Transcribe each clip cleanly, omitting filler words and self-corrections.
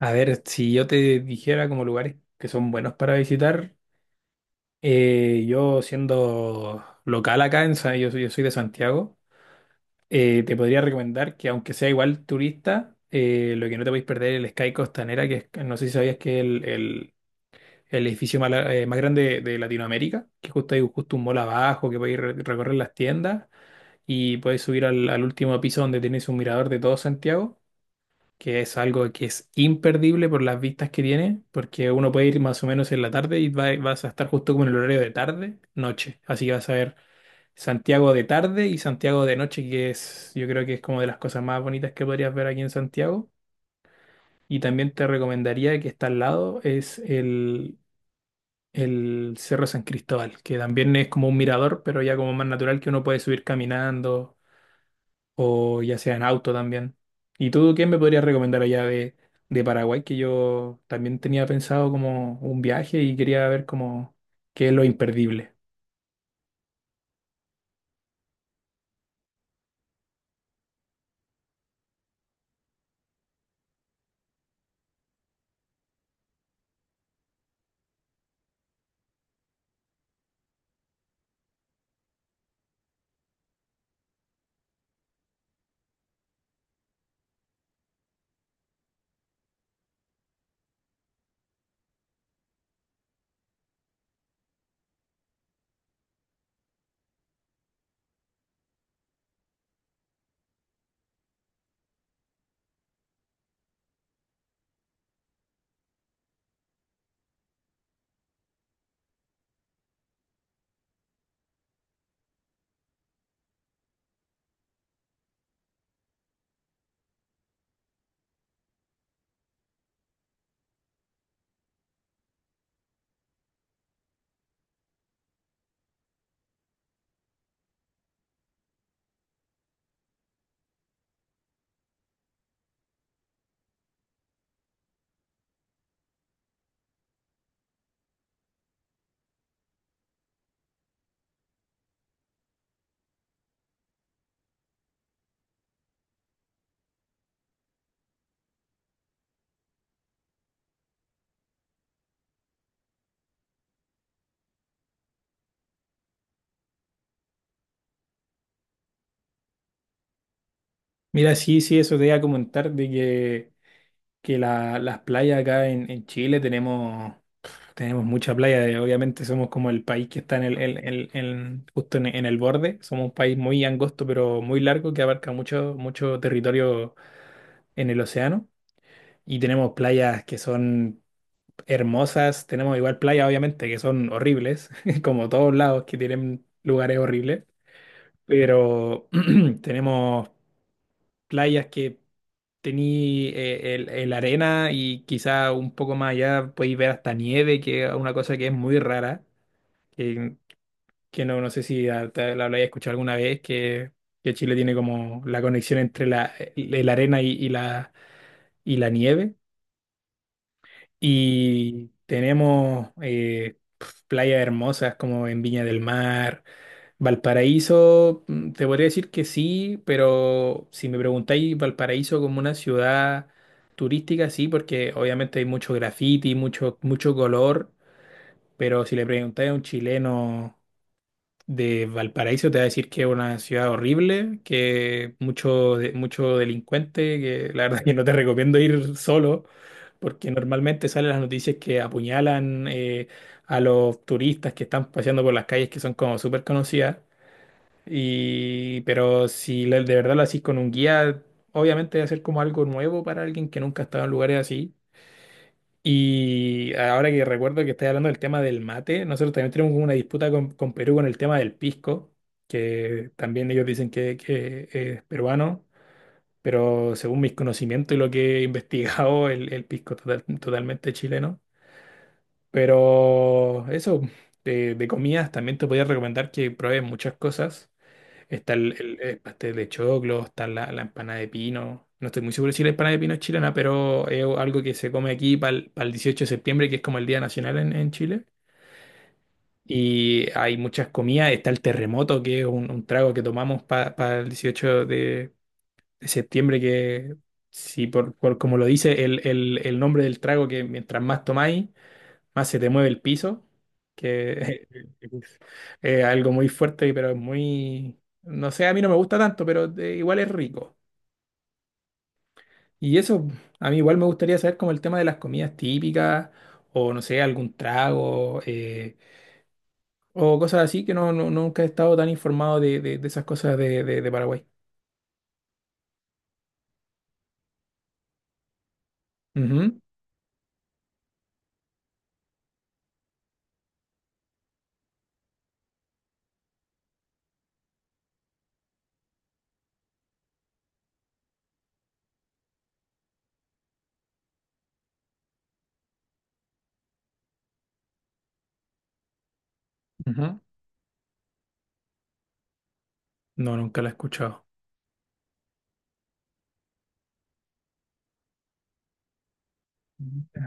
A ver, si yo te dijera como lugares que son buenos para visitar, yo siendo local acá, en, Sa- yo soy de Santiago. Te podría recomendar que aunque sea igual turista, lo que no te podéis perder es el Sky Costanera, no sé si sabías que es el el- edificio más grande de Latinoamérica, que justo hay justo un mall abajo, que podéis recorrer las tiendas y podéis subir al último piso donde tenéis un mirador de todo Santiago, que es algo que es imperdible por las vistas que tiene, porque uno puede ir más o menos en la tarde y vas a estar justo como en el horario de tarde, noche. Así que vas a ver Santiago de tarde y Santiago de noche, que es, yo creo que es como de las cosas más bonitas que podrías ver aquí en Santiago. Y también te recomendaría que está al lado, es el Cerro San Cristóbal, que también es como un mirador, pero ya como más natural, que uno puede subir caminando o ya sea en auto también. ¿Y tú qué me podrías recomendar allá de Paraguay? Que yo también tenía pensado como un viaje y quería ver como qué es lo imperdible. Mira, sí, sí, eso te iba a comentar de que las playas acá en Chile tenemos, mucha playa. Obviamente somos como el país que está en el- en- justo en el borde. Somos un país muy angosto pero muy largo que abarca mucho, mucho territorio en el océano. Y tenemos playas que son hermosas. Tenemos igual playas, obviamente, que son horribles, como todos lados que tienen lugares horribles, pero tenemos playas que tení el arena, y quizá un poco más allá podéis ver hasta nieve, que es una cosa que es muy rara, que, que no sé si te la habéis escuchado alguna vez, que Chile tiene como la conexión entre el arena y la nieve. Y tenemos playas hermosas, como en Viña del Mar, Valparaíso. Te podría decir que sí, pero si me preguntáis Valparaíso como una ciudad turística, sí, porque obviamente hay mucho graffiti, mucho, mucho color, pero si le preguntáis a un chileno de Valparaíso te va a decir que es una ciudad horrible, que mucho, mucho delincuente, que la verdad que no te recomiendo ir solo, porque normalmente salen las noticias que apuñalan a los turistas que están paseando por las calles que son como súper conocidas. Pero si de verdad lo haces con un guía, obviamente va a ser como algo nuevo para alguien que nunca ha estado en lugares así. Y ahora que recuerdo que estáis hablando del tema del mate, nosotros también tenemos como una disputa con Perú con el tema del pisco, que también ellos dicen que es peruano, pero según mis conocimientos y lo que he investigado, el pisco es totalmente chileno. Pero eso, de comidas también te podría recomendar que pruebes muchas cosas. Está el pastel de choclo, está la empanada de pino. No estoy muy seguro si la empanada de pino es chilena, pero es algo que se come aquí para el 18 de septiembre, que es como el Día Nacional en Chile. Y hay muchas comidas. Está el terremoto, que es un trago que tomamos para el 18 de septiembre, que sí, por como lo dice el nombre del trago, que mientras más tomáis, más se te mueve el piso, que es algo muy fuerte, pero es muy... No sé, a mí no me gusta tanto, pero igual es rico. Y eso, a mí igual me gustaría saber como el tema de las comidas típicas, o no sé, algún trago, o cosas así, que nunca he estado tan informado de esas cosas de Paraguay. Ujú, ujú. No, nunca la he escuchado. Ujú.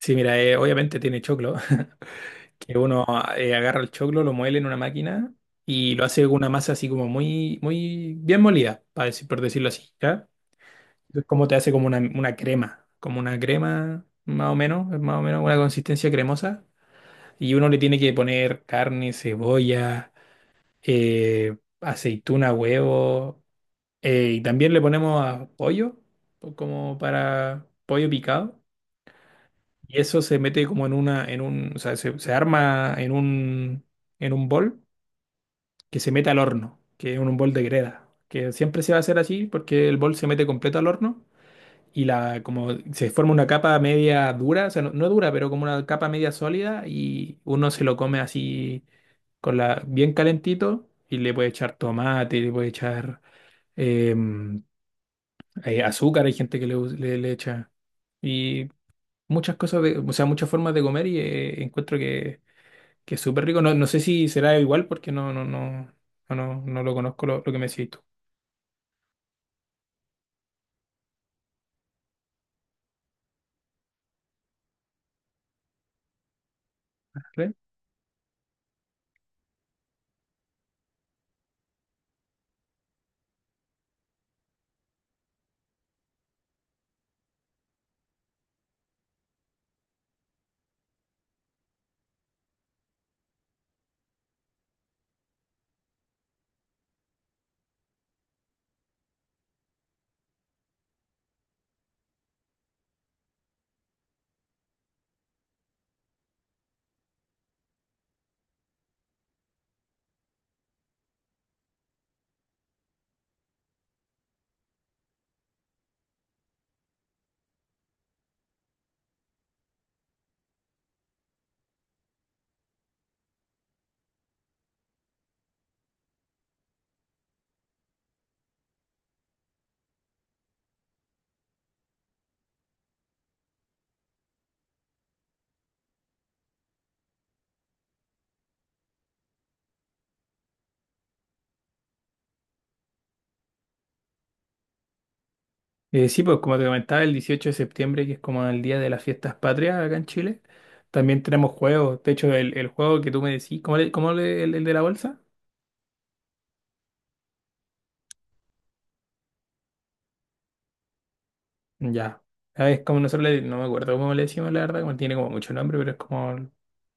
Sí, mira, obviamente tiene choclo, que uno agarra el choclo, lo muele en una máquina y lo hace con una masa así como muy, muy bien molida, para decir, por decirlo así, ¿ya? Es como te hace como una crema, como una crema más o menos una consistencia cremosa, y uno le tiene que poner carne, cebolla, aceituna, huevo, y también le ponemos a pollo, como para pollo picado. Y eso se mete como en una, en un, o sea, se arma en un bol, que se meta al horno, que es un bol de greda, que siempre se va a hacer así porque el bol se mete completo al horno y como se forma una capa media dura, o sea, no dura, pero como una capa media sólida, y uno se lo come así con la, bien calentito, y le puede echar tomate, le puede echar em, azúcar. Hay gente que le echa, y muchas cosas, de, o sea, muchas formas de comer. Y encuentro que es súper rico. No, no sé si será igual porque no, no, no. No, no, no lo conozco, lo que me decís tú. ¿Vale? Sí, pues como te comentaba, el 18 de septiembre, que es como el día de las fiestas patrias acá en Chile, también tenemos juegos. De hecho, el juego que tú me decís, ¿El de la bolsa? Ya. Ah, es como nosotros le, no me acuerdo cómo le decimos, la verdad, como tiene como mucho nombre, pero es como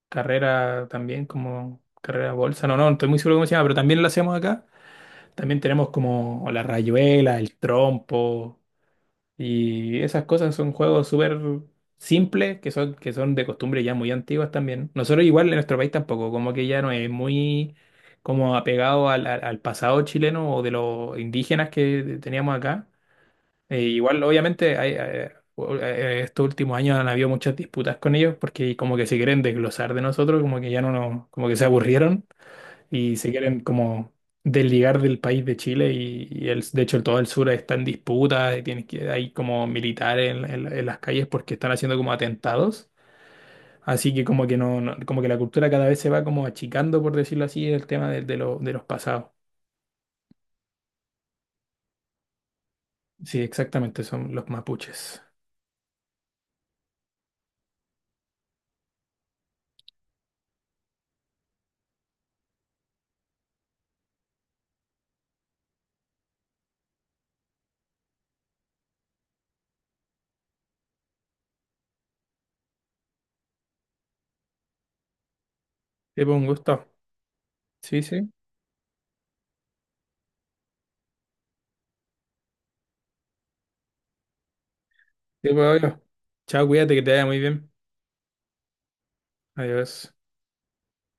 carrera también, como carrera bolsa. No, estoy muy seguro cómo se llama, pero también lo hacemos acá. También tenemos como la rayuela, el trompo. Y esas cosas son juegos súper simples, que son, de costumbre ya muy antiguas también. Nosotros igual en nuestro país tampoco, como que ya no es muy como apegado al pasado chileno o de los indígenas que teníamos acá. Igual obviamente hay, estos últimos años han habido muchas disputas con ellos porque como que se quieren desglosar de nosotros, como que ya no nos, como que se aburrieron y se quieren como desligar del país de Chile, y de hecho todo el sur está en disputa, y tienes que, hay como militares en las calles porque están haciendo como atentados, así que como que como que la cultura cada vez se va como achicando, por decirlo así, el tema de los pasados. Sí, exactamente, son los mapuches. Te pongo un gusto. Sí, sí. Te puedo yo. Chao, cuídate, que te vaya muy bien. Adiós.